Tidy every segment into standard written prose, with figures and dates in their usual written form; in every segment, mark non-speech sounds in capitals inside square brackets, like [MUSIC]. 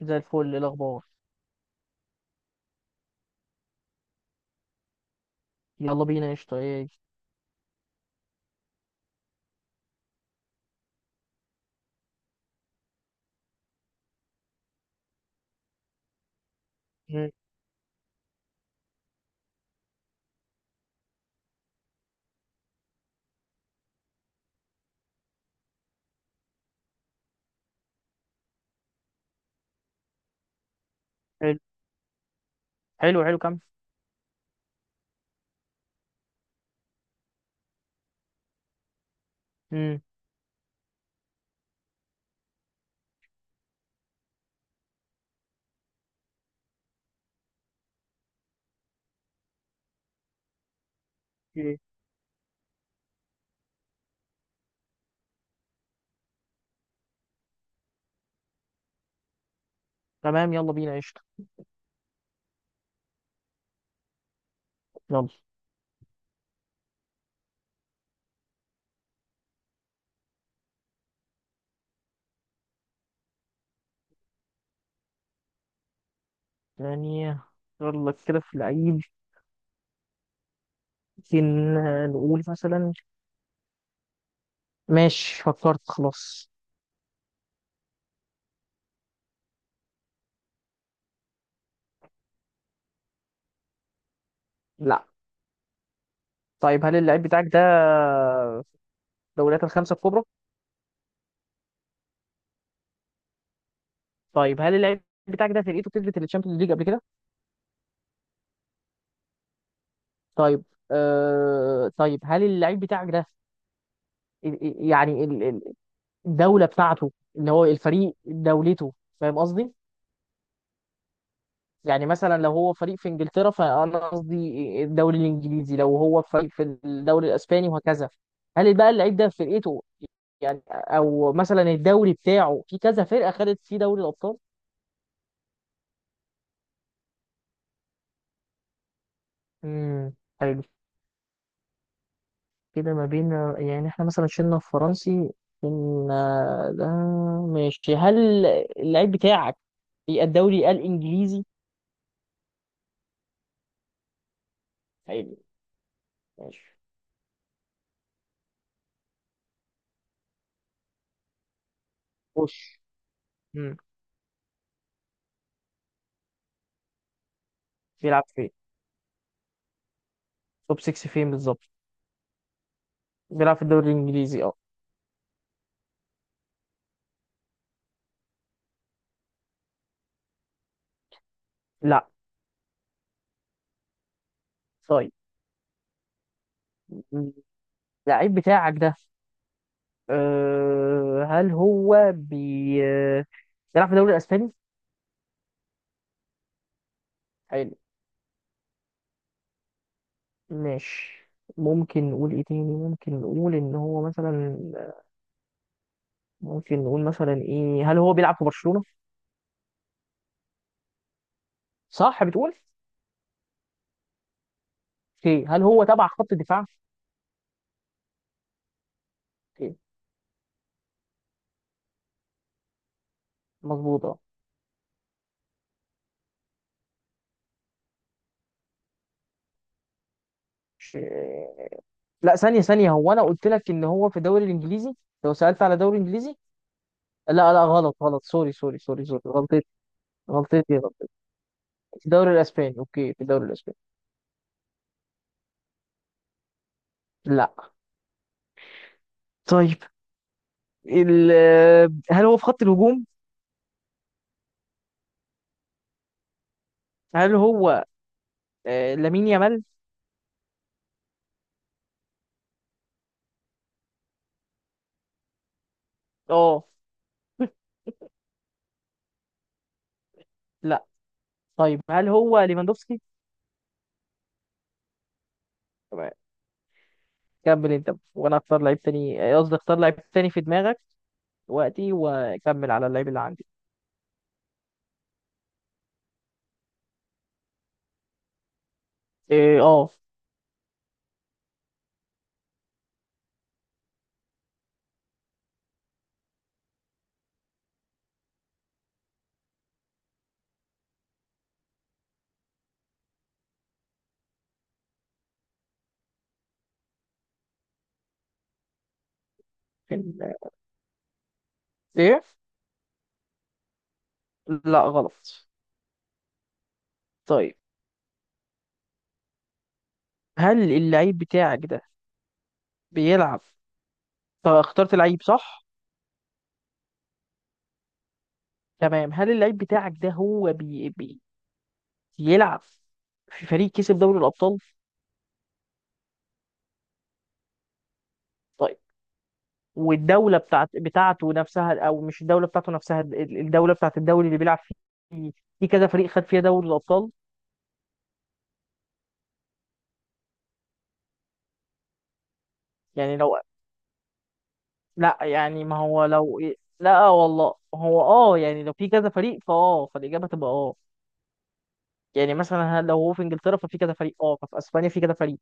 زي الفل، إيه الأخبار؟ يلا بينا قشطة. إيه؟ مم. حلو. حلو. مم. ايه، تمام، يلا بينا قشطة. يلا. يعني يلا كده في العيد ممكن نقول مثلا. ماشي، فكرت خلاص. لا. طيب، هل اللعيب بتاعك ده دوريات الخمسة الكبرى؟ طيب، هل اللعيب بتاعك ده فرقته كسبت الشامبيونز ليج قبل كده؟ طيب. طيب، هل اللعيب بتاعك ده ال- ال- يعني ال- ال- الدولة بتاعته اللي هو الفريق دولته، فاهم قصدي؟ يعني مثلا لو هو فريق في انجلترا فانا قصدي الدوري الانجليزي، لو هو فريق في الدوري الاسباني وهكذا. هل بقى اللعيب ده في فرقته، يعني او مثلا الدوري بتاعه في كذا فرقه خدت فيه دوري الابطال؟ امم حلو. كده ما بين، يعني احنا مثلا شلنا الفرنسي، شلنا ده. ماشي، هل اللعيب بتاعك في الدوري الانجليزي؟ حلو، ماشي. خش. امم بيلعب فين؟ توب 6 فين بالظبط؟ بيلعب في الدوري الانجليزي، اه؟ لا. طيب، اللعيب بتاعك ده، أه، هل هو بي آه، بيلعب في الدوري الاسباني؟ حلو، ماشي. ممكن نقول ايه تاني، ممكن نقول ان هو مثلا، ممكن نقول مثلا ايه، هل هو بيلعب في برشلونة؟ صح، بتقول؟ اوكي، هل هو تبع خط الدفاع؟ اوكي. مظبوط، اه. مش- لا، ثانية ثانية، هو انا قلت لك ان هو في الدوري الانجليزي؟ لو سألت على الدوري الانجليزي. لا لا، غلط غلط، سوري سوري سوري سوري، غلطتي غلطتي غلطتي. في الدوري الاسباني، اوكي، في الدوري الاسباني. لا. طيب، ال... هل هو في خط الهجوم؟ هل هو لامين يامال؟ اه. لا. طيب، هل هو ليفاندوفسكي؟ تمام. كمل انت، وانا اختار لعيب تاني، قصدي اختار لعيب تاني في دماغك دلوقتي، وكمل على اللعيب اللي عندي. ايه، اه. كان- آه، ايه. لا، غلط. طيب، هل اللعيب بتاعك ده بيلعب، طب اخترت لعيب صح؟ تمام، هل اللعيب بتاعك ده هو بيلعب في فريق كسب دوري الابطال؟ طيب. والدولة بتاعت بتاعته نفسها، او مش الدولة بتاعته نفسها، الدولة بتاعت الدوري اللي بيلعب فيه، في كذا فريق خد فيها دوري الأبطال؟ يعني لو، لا يعني ما هو لو، لا والله، هو اه يعني لو في كذا فريق فاه، فالإجابة تبقى اه. يعني مثلا لو هو في انجلترا ففي كذا فريق اه، ففي اسبانيا في كذا فريق،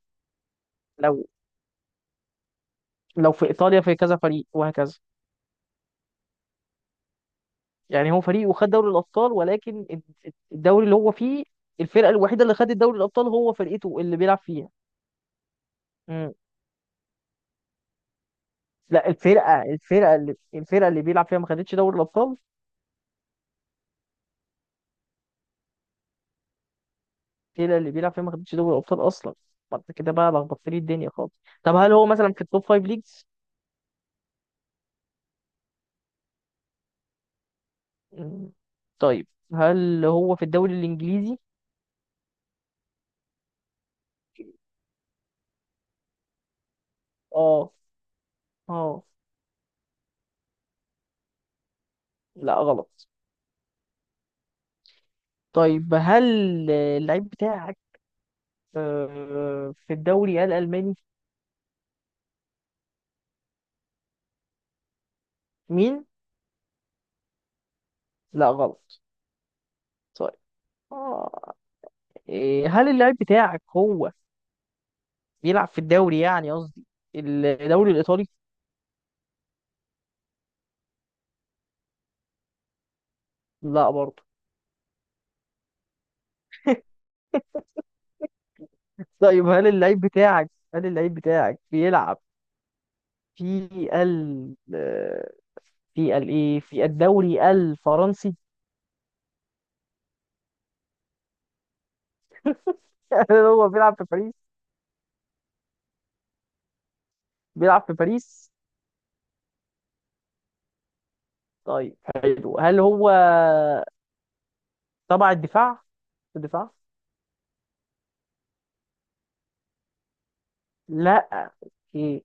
لو لو في ايطاليا في كذا فريق، وهكذا. يعني هو فريق وخد دوري الابطال، ولكن الدوري اللي هو فيه، الفرقه الوحيده اللي خدت دوري الابطال هو فرقته اللي بيلعب فيها. لا، الفرقه اللي الفرقه اللي بيلعب فيها ما خدتش دوري الابطال. الفرقه اللي بيلعب فيها ما خدتش دوري الابطال اصلا. ما انت كده بقى لخبطت لي الدنيا خالص. طب هل هو مثلا في التوب فايف ليجز؟ مم. طيب، هل هو في الدوري الانجليزي؟ اه، اه. لا، غلط. طيب، هل اللعيب بتاعك في الدوري الالماني؟ مين؟ لا، غلط. طيب، اه، إيه، هل اللعيب بتاعك هو بيلعب في الدوري، يعني قصدي الدوري الايطالي؟ لا برضه. طيب، هل اللعيب بتاعك بيلعب في ال آه، في ال ايه، في الدوري الفرنسي؟ [LAUGHS] هل هو بيلعب في باريس؟ بيلعب في باريس. طيب، حلو. هل هو تبع الدفاع، في الدفاع؟ لا. اوكي.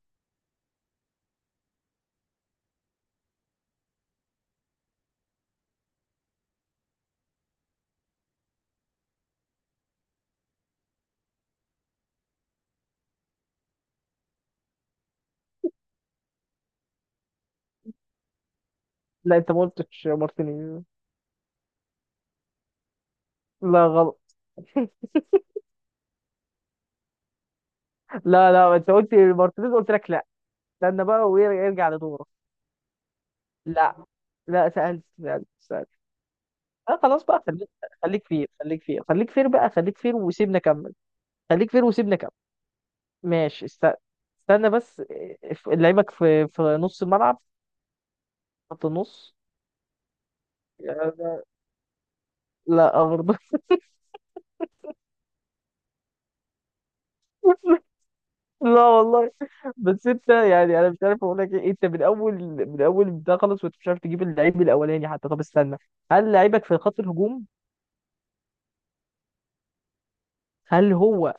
لا انت ما قلتش مارتينيز. لا، غلط. [LAUGHS] لا لا، انت قلت مارتينيز، قلت لك لا. استنى بقى ويرجع لدوره. لا، لا سألت سألت سألت. اه خلاص بقى، خليك، خليك فير خليك فير خليك فير بقى، خليك فير وسيبنا كمل. خليك فير وسيبنا كمل. ماشي. استنى بس، لعيبك في نص الملعب؟ خط النص. [LAUGHS] لا. لا، برضه. [LAUGHS] لا والله. بس انت يعني، انا مش عارف اقول لك ايه، انت من اول، من اول ده خلص وانت مش عارف تجيب اللعيب الاولاني حتى. طب استنى، هل لعيبك في خط الهجوم؟ هل هو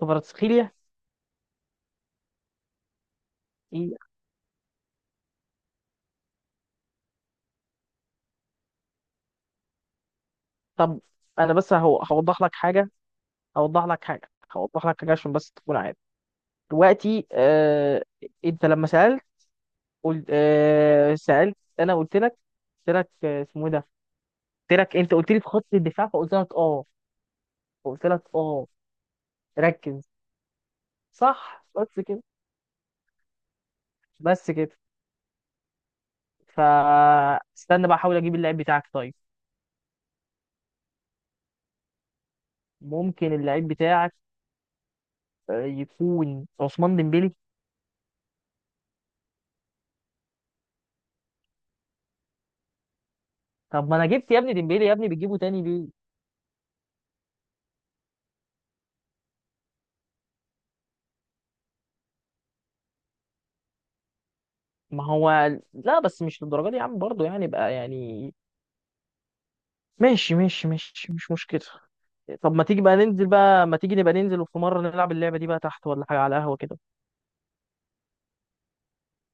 كفاراتسخيليا؟ ايه. طب انا بس، هو هوضح لك حاجه، هوضح لك حاجه، هوضح لك حاجه عشان بس تكون عارف. دلوقتي انت لما سألت، قلت سألت، انا قلت لك، قلت لك اسمه ايه ده، قلت لك، انت قلت لي في خط الدفاع فقلت لك اه، قلت لك اه، ركز. صح بس كده، بس كده. فاستنى بقى احاول اجيب اللعيب بتاعك. طيب، ممكن اللعيب بتاعك يكون عثمان ديمبلي؟ طب ما انا جبت يا ابني ديمبلي، يا ابني بتجيبه تاني ليه؟ ما هو، لا بس مش للدرجه دي يا عم، برضه يعني، بقى يعني. ماشي ماشي ماشي، مش مشكله. طب ما تيجي بقى ننزل بقى، ما تيجي نبقى ننزل وفي مرة نلعب اللعبة دي بقى تحت ولا حاجة على قهوة كده.